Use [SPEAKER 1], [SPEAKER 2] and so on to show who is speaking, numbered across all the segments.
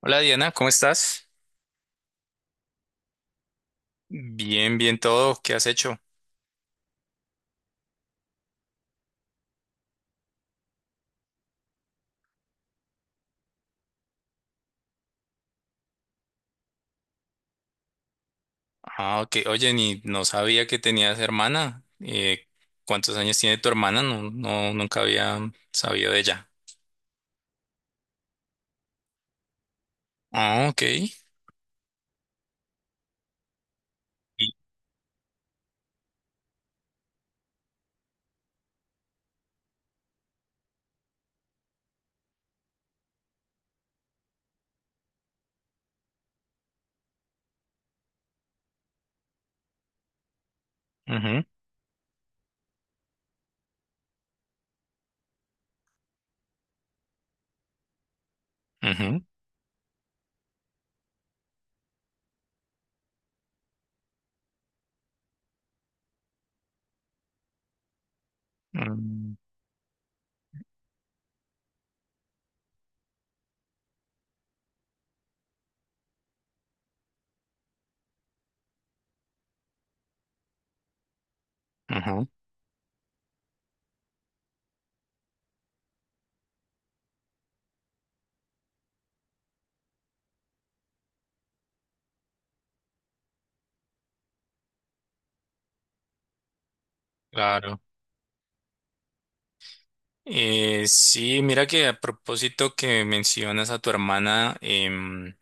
[SPEAKER 1] Hola Diana, ¿cómo estás? Bien, bien todo. ¿Qué has hecho? Ah, ok. Oye, ni no sabía que tenías hermana. ¿Cuántos años tiene tu hermana? No, no, nunca había sabido de ella. Ah, ok. Y- ujú, ujú, mm, ujú, claro. Sí, mira que a propósito que mencionas a tu hermana,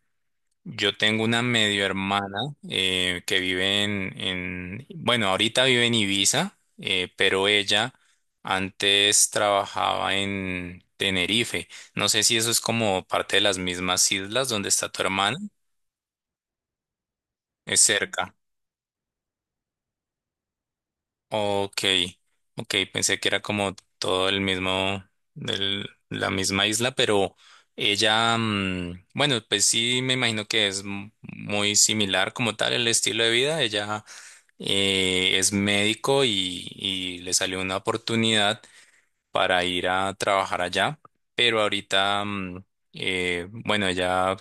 [SPEAKER 1] yo tengo una medio hermana, que vive en, bueno, ahorita vive en Ibiza, pero ella antes trabajaba en Tenerife. No sé si eso es como parte de las mismas islas donde está tu hermana. Es cerca. Ok, ok, pensé que era como todo el mismo, la misma isla, pero ella, bueno, pues sí, me imagino que es muy similar como tal el estilo de vida. Ella es médico y le salió una oportunidad para ir a trabajar allá, pero ahorita, bueno, ella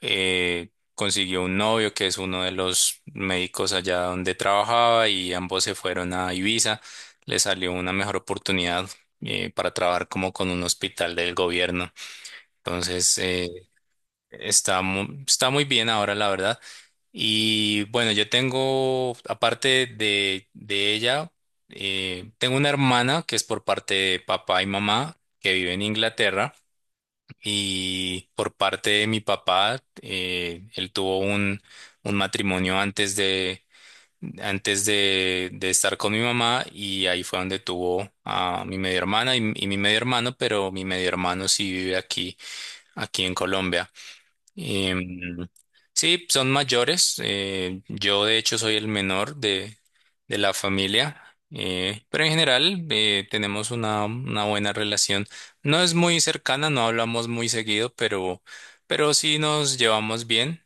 [SPEAKER 1] consiguió un novio que es uno de los médicos allá donde trabajaba y ambos se fueron a Ibiza, le salió una mejor oportunidad para trabajar como con un hospital del gobierno. Entonces, está muy bien ahora, la verdad. Y bueno, yo tengo, aparte de ella, tengo una hermana que es por parte de papá y mamá, que vive en Inglaterra. Y por parte de mi papá, él tuvo un matrimonio antes de estar con mi mamá y ahí fue donde tuvo a mi media hermana y mi medio hermano, pero mi medio hermano sí vive aquí, aquí en Colombia. Em, sí, son mayores. Yo de hecho soy el menor de la familia, pero en general tenemos una buena relación. No es muy cercana, no hablamos muy seguido, pero sí nos llevamos bien.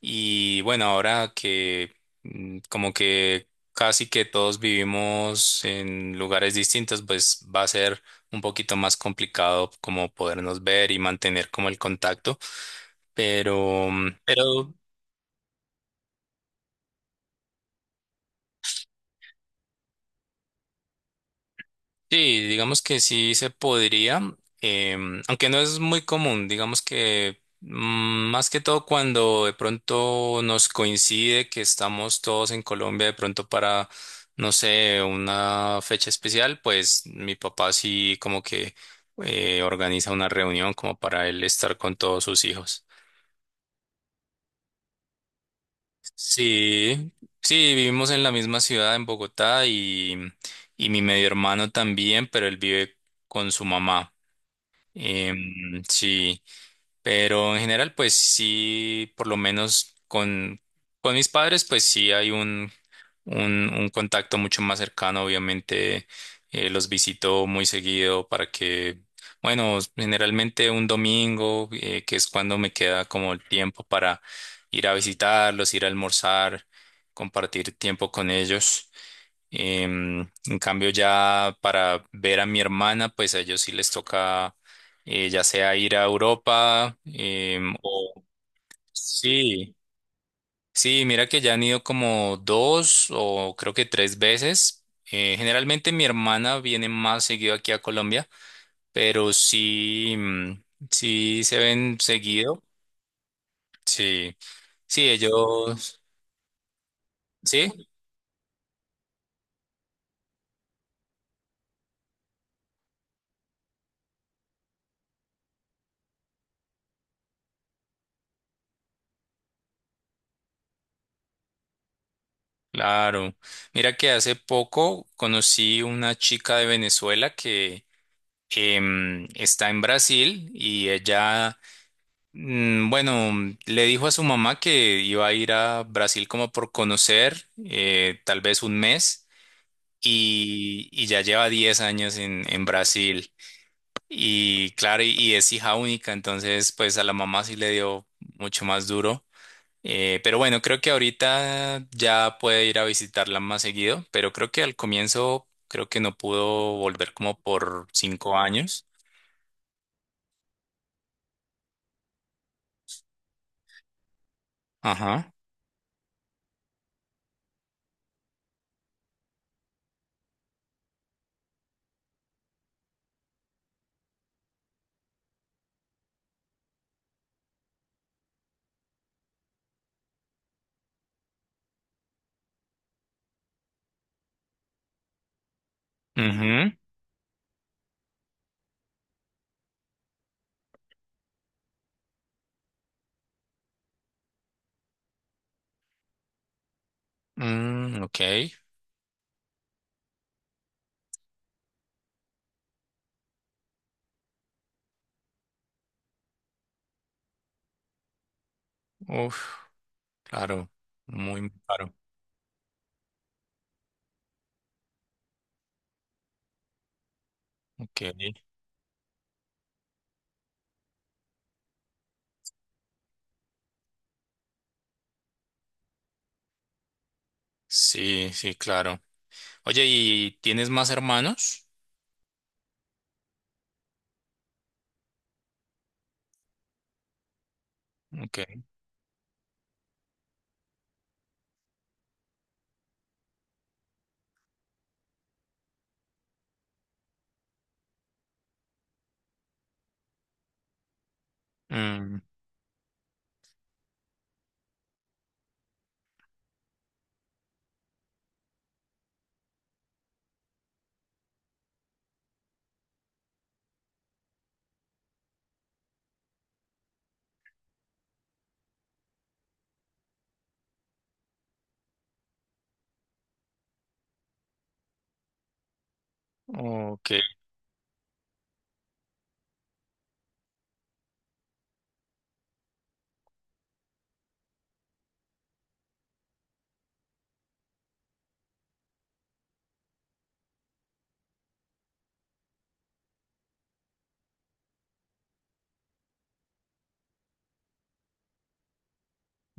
[SPEAKER 1] Y bueno, ahora que, como que casi que todos vivimos en lugares distintos, pues va a ser un poquito más complicado como podernos ver y mantener como el contacto. Pero sí, digamos que sí se podría, aunque no es muy común, digamos que, más que todo cuando de pronto nos coincide que estamos todos en Colombia de pronto para, no sé, una fecha especial, pues mi papá sí como que organiza una reunión como para él estar con todos sus hijos. Sí, sí, vivimos en la misma ciudad, en Bogotá, y mi medio hermano también, pero él vive con su mamá. Sí, pero en general, pues sí, por lo menos con mis padres, pues sí hay un contacto mucho más cercano, obviamente los visito muy seguido para que, bueno, generalmente un domingo, que es cuando me queda como el tiempo para ir a visitarlos, ir a almorzar, compartir tiempo con ellos. Em, en cambio, ya para ver a mi hermana, pues a ellos sí les toca, ya sea ir a Europa, o sí, sí, mira que ya han ido como dos o creo que tres veces. Generalmente mi hermana viene más seguido aquí a Colombia, pero sí, sí se ven seguido. Sí, sí, ellos, sí, claro. Mira que hace poco conocí una chica de Venezuela que, está en Brasil y ella, bueno, le dijo a su mamá que iba a ir a Brasil como por conocer, tal vez un mes. Y ya lleva 10 años en Brasil y claro, y es hija única, entonces pues a la mamá sí le dio mucho más duro. Pero bueno, creo que ahorita ya puede ir a visitarla más seguido, pero creo que al comienzo creo que no pudo volver como por 5 años. Ajá. Ujú. Mm, ok. Uf, claro. Muy claro caro. Ok. Sí, sí, claro. Oye, ¿y tienes más hermanos? Ok. Mm, ok,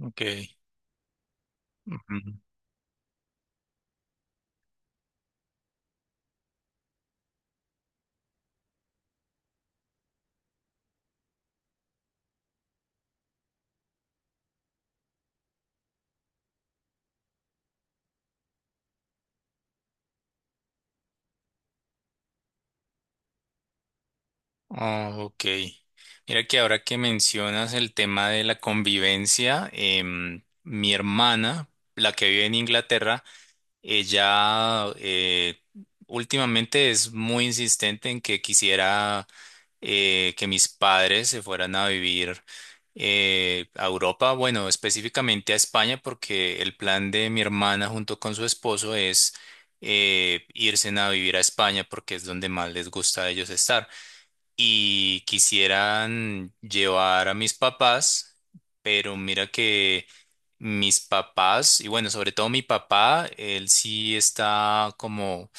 [SPEAKER 1] ok. Ujú. Ah, ok. Mira que ahora que mencionas el tema de la convivencia, mi hermana, la que vive en Inglaterra, ella últimamente es muy insistente en que quisiera que mis padres se fueran a vivir a Europa, bueno, específicamente a España, porque el plan de mi hermana junto con su esposo es, irse a vivir a España porque es donde más les gusta a ellos estar y quisieran llevar a mis papás, pero mira que mis papás, y bueno, sobre todo mi papá, él sí está como,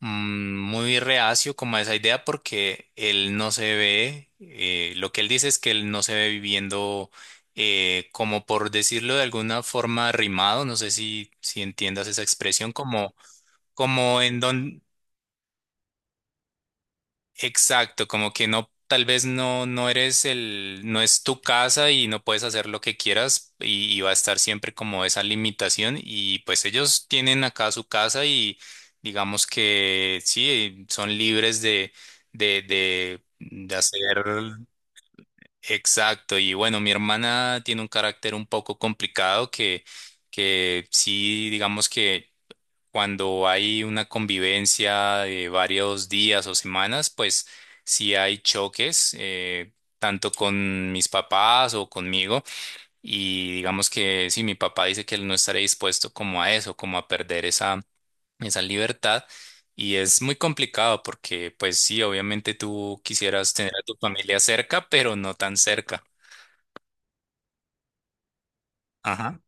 [SPEAKER 1] muy reacio como a esa idea porque él no se ve, lo que él dice es que él no se ve viviendo, como por decirlo de alguna forma, arrimado. No sé si entiendas esa expresión, como en don... Exacto, como que no, tal vez no, no eres no es tu casa y no puedes hacer lo que quieras, y va a estar siempre como esa limitación y pues ellos tienen acá su casa y digamos que sí, son libres de hacer. Exacto, y bueno, mi hermana tiene un carácter un poco complicado que sí, digamos que cuando hay una convivencia de varios días o semanas, pues sí hay choques, tanto con mis papás o conmigo. Y digamos que sí, mi papá dice que él no estaría dispuesto como a eso, como a perder esa libertad. Y es muy complicado porque, pues sí, obviamente tú quisieras tener a tu familia cerca, pero no tan cerca. Ajá.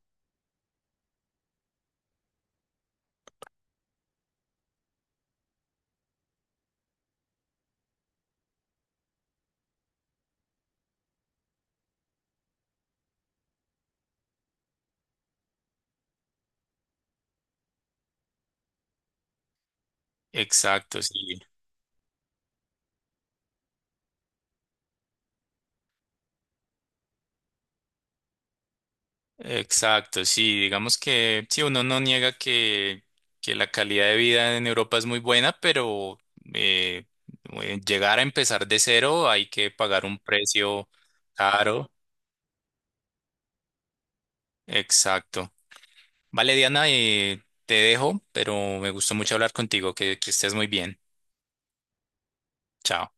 [SPEAKER 1] Exacto, sí. Exacto, sí, digamos que sí, uno no niega que la calidad de vida en Europa es muy buena, pero, eh, llegar a empezar de cero hay que pagar un precio caro. Exacto. Vale, Diana, te dejo, pero me gustó mucho hablar contigo, que estés muy bien. Chao.